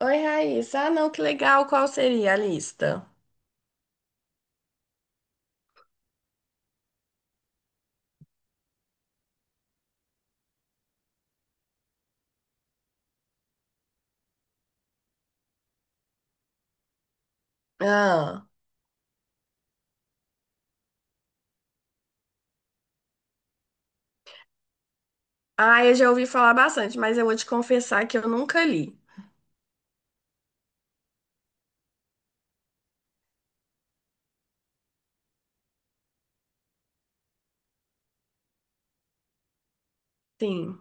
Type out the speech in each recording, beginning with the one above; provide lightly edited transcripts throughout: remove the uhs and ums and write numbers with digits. Oi, Raíssa. Ah, não, que legal. Qual seria a lista? Ah, eu já ouvi falar bastante, mas eu vou te confessar que eu nunca li. Sim.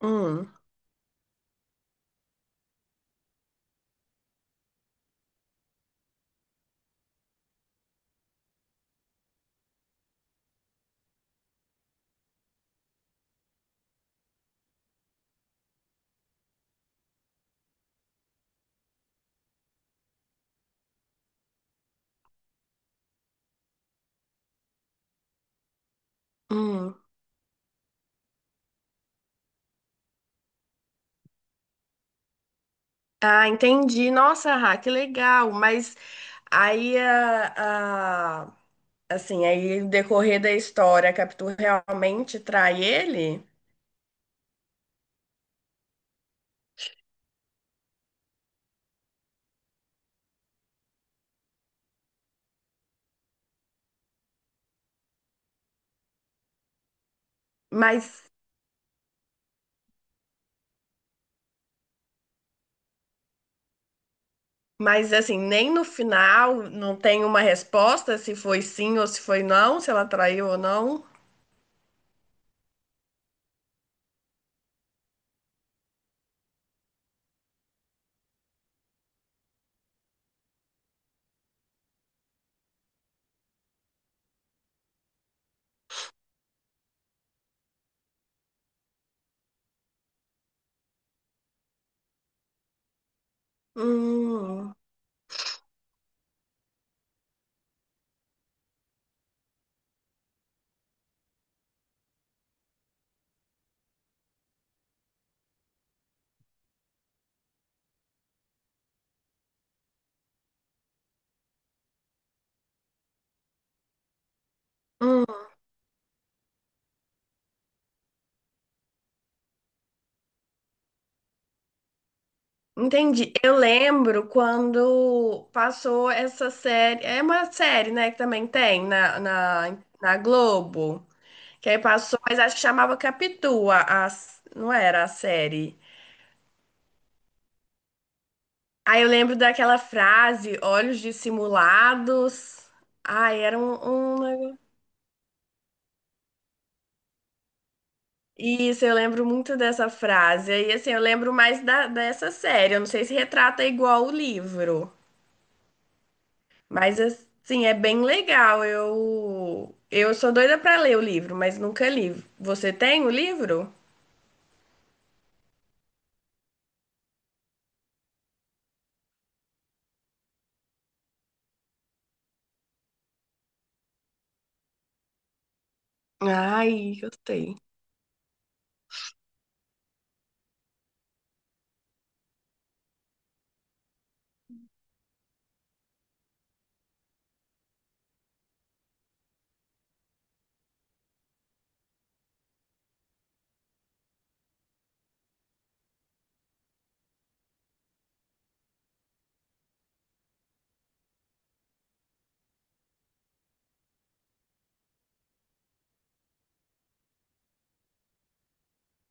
Hum, hum. Ah, entendi. Nossa, Rá, que legal. Mas aí, a, a- assim, aí o decorrer da história, a Capitu realmente trai ele? Mas, mas, assim, nem no final não tem uma resposta se foi sim ou se foi não, se ela traiu ou não? Hum. Hum. Entendi. Eu lembro quando passou essa série. É uma série, né? Que também tem na Globo. Que aí passou, mas acho que chamava Capitu, não era a série. Aí eu lembro daquela frase, olhos dissimulados. Ai, era isso, eu lembro muito dessa frase. E assim, eu lembro mais da, dessa série. Eu não sei se retrata igual o livro. Mas assim, é bem legal. Eu sou doida pra ler o livro, mas nunca li. Você tem o livro? Ai, eu tenho.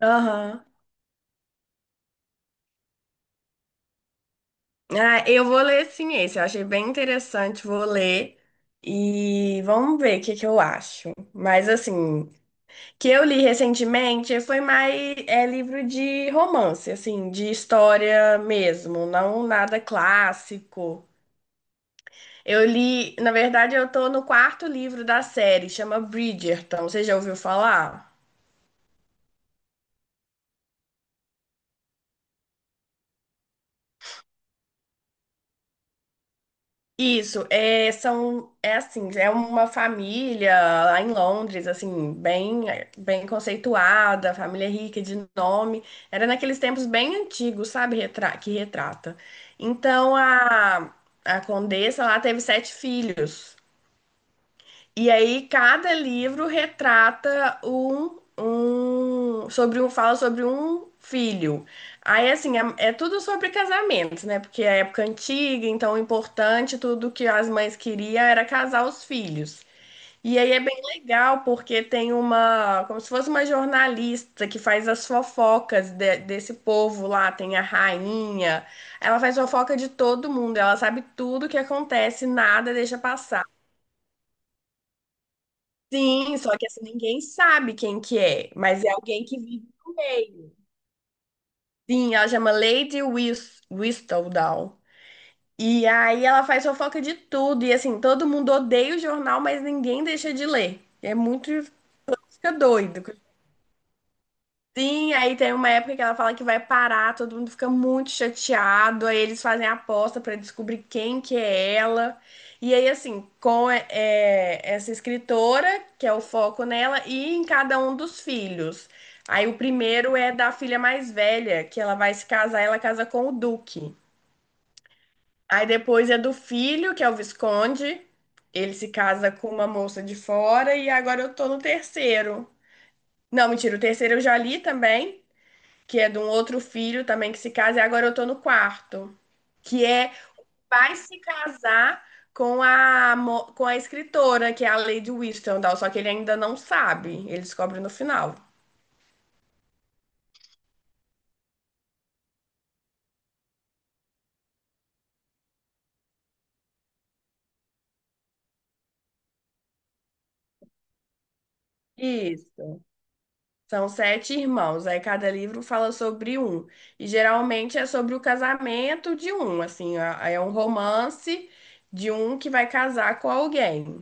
Aham. Ah, eu vou ler sim esse. Eu achei bem interessante, vou ler. E vamos ver o que que eu acho. Mas assim, que eu li recentemente foi mais é livro de romance, assim, de história mesmo, não nada clássico. Eu li, na verdade, eu tô no quarto livro da série, chama Bridgerton. Você já ouviu falar? Isso, é, são, é assim, é uma família lá em Londres, assim, bem, bem conceituada, família rica de nome. Era naqueles tempos bem antigos, sabe, que retrata. Então a condessa lá teve 7 filhos. E aí cada livro retrata um, um sobre um fala sobre um filho. Aí assim, é, é tudo sobre casamentos, né? Porque é época antiga, então o importante, tudo que as mães queriam era casar os filhos. E aí é bem legal porque tem uma, como se fosse uma jornalista que faz as fofocas desse povo lá, tem a rainha. Ela faz fofoca de todo mundo, ela sabe tudo que acontece, nada deixa passar. Sim, só que assim, ninguém sabe quem que é, mas é alguém que vive no meio. Sim, ela chama Lady Whistledown. E aí ela faz fofoca de tudo, e assim, todo mundo odeia o jornal, mas ninguém deixa de ler. É muito, fica doido. Sim, aí tem uma época que ela fala que vai parar, todo mundo fica muito chateado, aí eles fazem a aposta pra descobrir quem que é ela. E aí, assim, essa escritora, que é o foco nela, e em cada um dos filhos. Aí o primeiro é da filha mais velha, que ela vai se casar, ela casa com o Duque. Aí depois é do filho, que é o Visconde, ele se casa com uma moça de fora, e agora eu tô no terceiro. Não, mentira, o terceiro eu já li também, que é de um outro filho também que se casa, e agora eu tô no quarto, que é vai se casar com com a escritora, que é a Lady Whistledown, só que ele ainda não sabe, ele descobre no final. Isso. São 7 irmãos, aí cada livro fala sobre um. E geralmente é sobre o casamento de um, assim, é um romance de um que vai casar com alguém.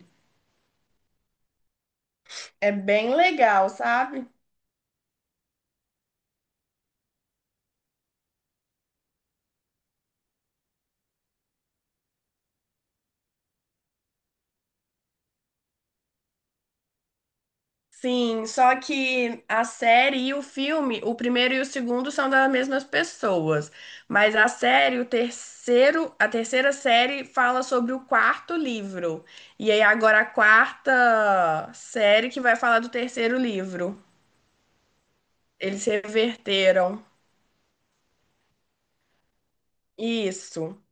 É bem legal, sabe? Sim, só que a série e o filme, o primeiro e o segundo são das mesmas pessoas, mas a série, o terceiro, a terceira série fala sobre o quarto livro. E aí agora a quarta série que vai falar do terceiro livro. Eles reverteram. Isso.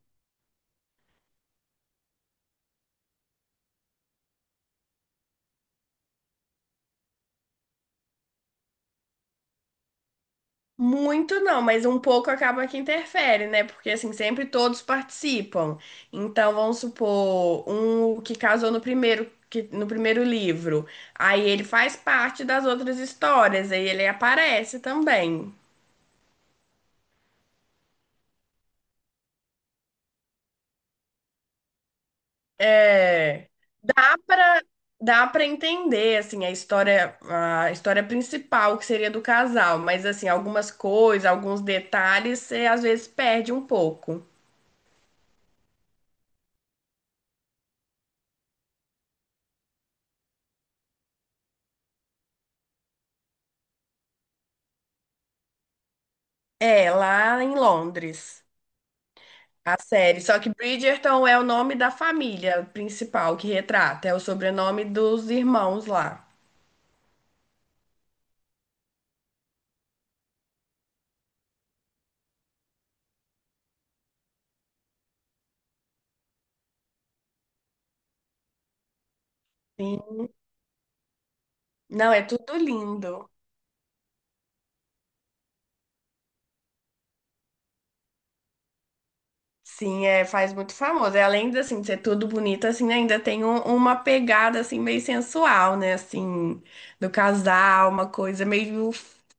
Muito não, mas um pouco acaba que interfere, né? Porque assim, sempre todos participam. Então, vamos supor, um que casou no primeiro, que, no primeiro livro. Aí ele faz parte das outras histórias, aí ele aparece também. É, dá pra, dá para entender assim a história principal que seria do casal, mas assim, algumas coisas, alguns detalhes, você às vezes perde um pouco. É, lá em Londres. A série. Só que Bridgerton é o nome da família principal que retrata, é o sobrenome dos irmãos lá. Sim. Não, é tudo lindo. Sim, é, faz muito famoso. E além de, assim, de ser tudo bonito, assim, ainda tem uma pegada, assim, meio sensual, né? Assim, do casal, uma coisa meio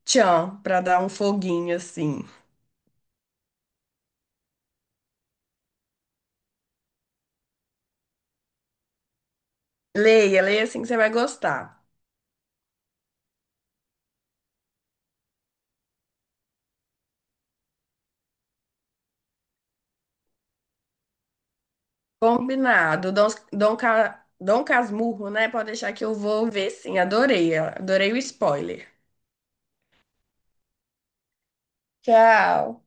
tchan, pra dar um foguinho, assim. Leia, leia, assim, que você vai gostar. Combinado. Dom Casmurro, né? Pode deixar que eu vou ver, sim. Adorei, adorei o spoiler. Tchau.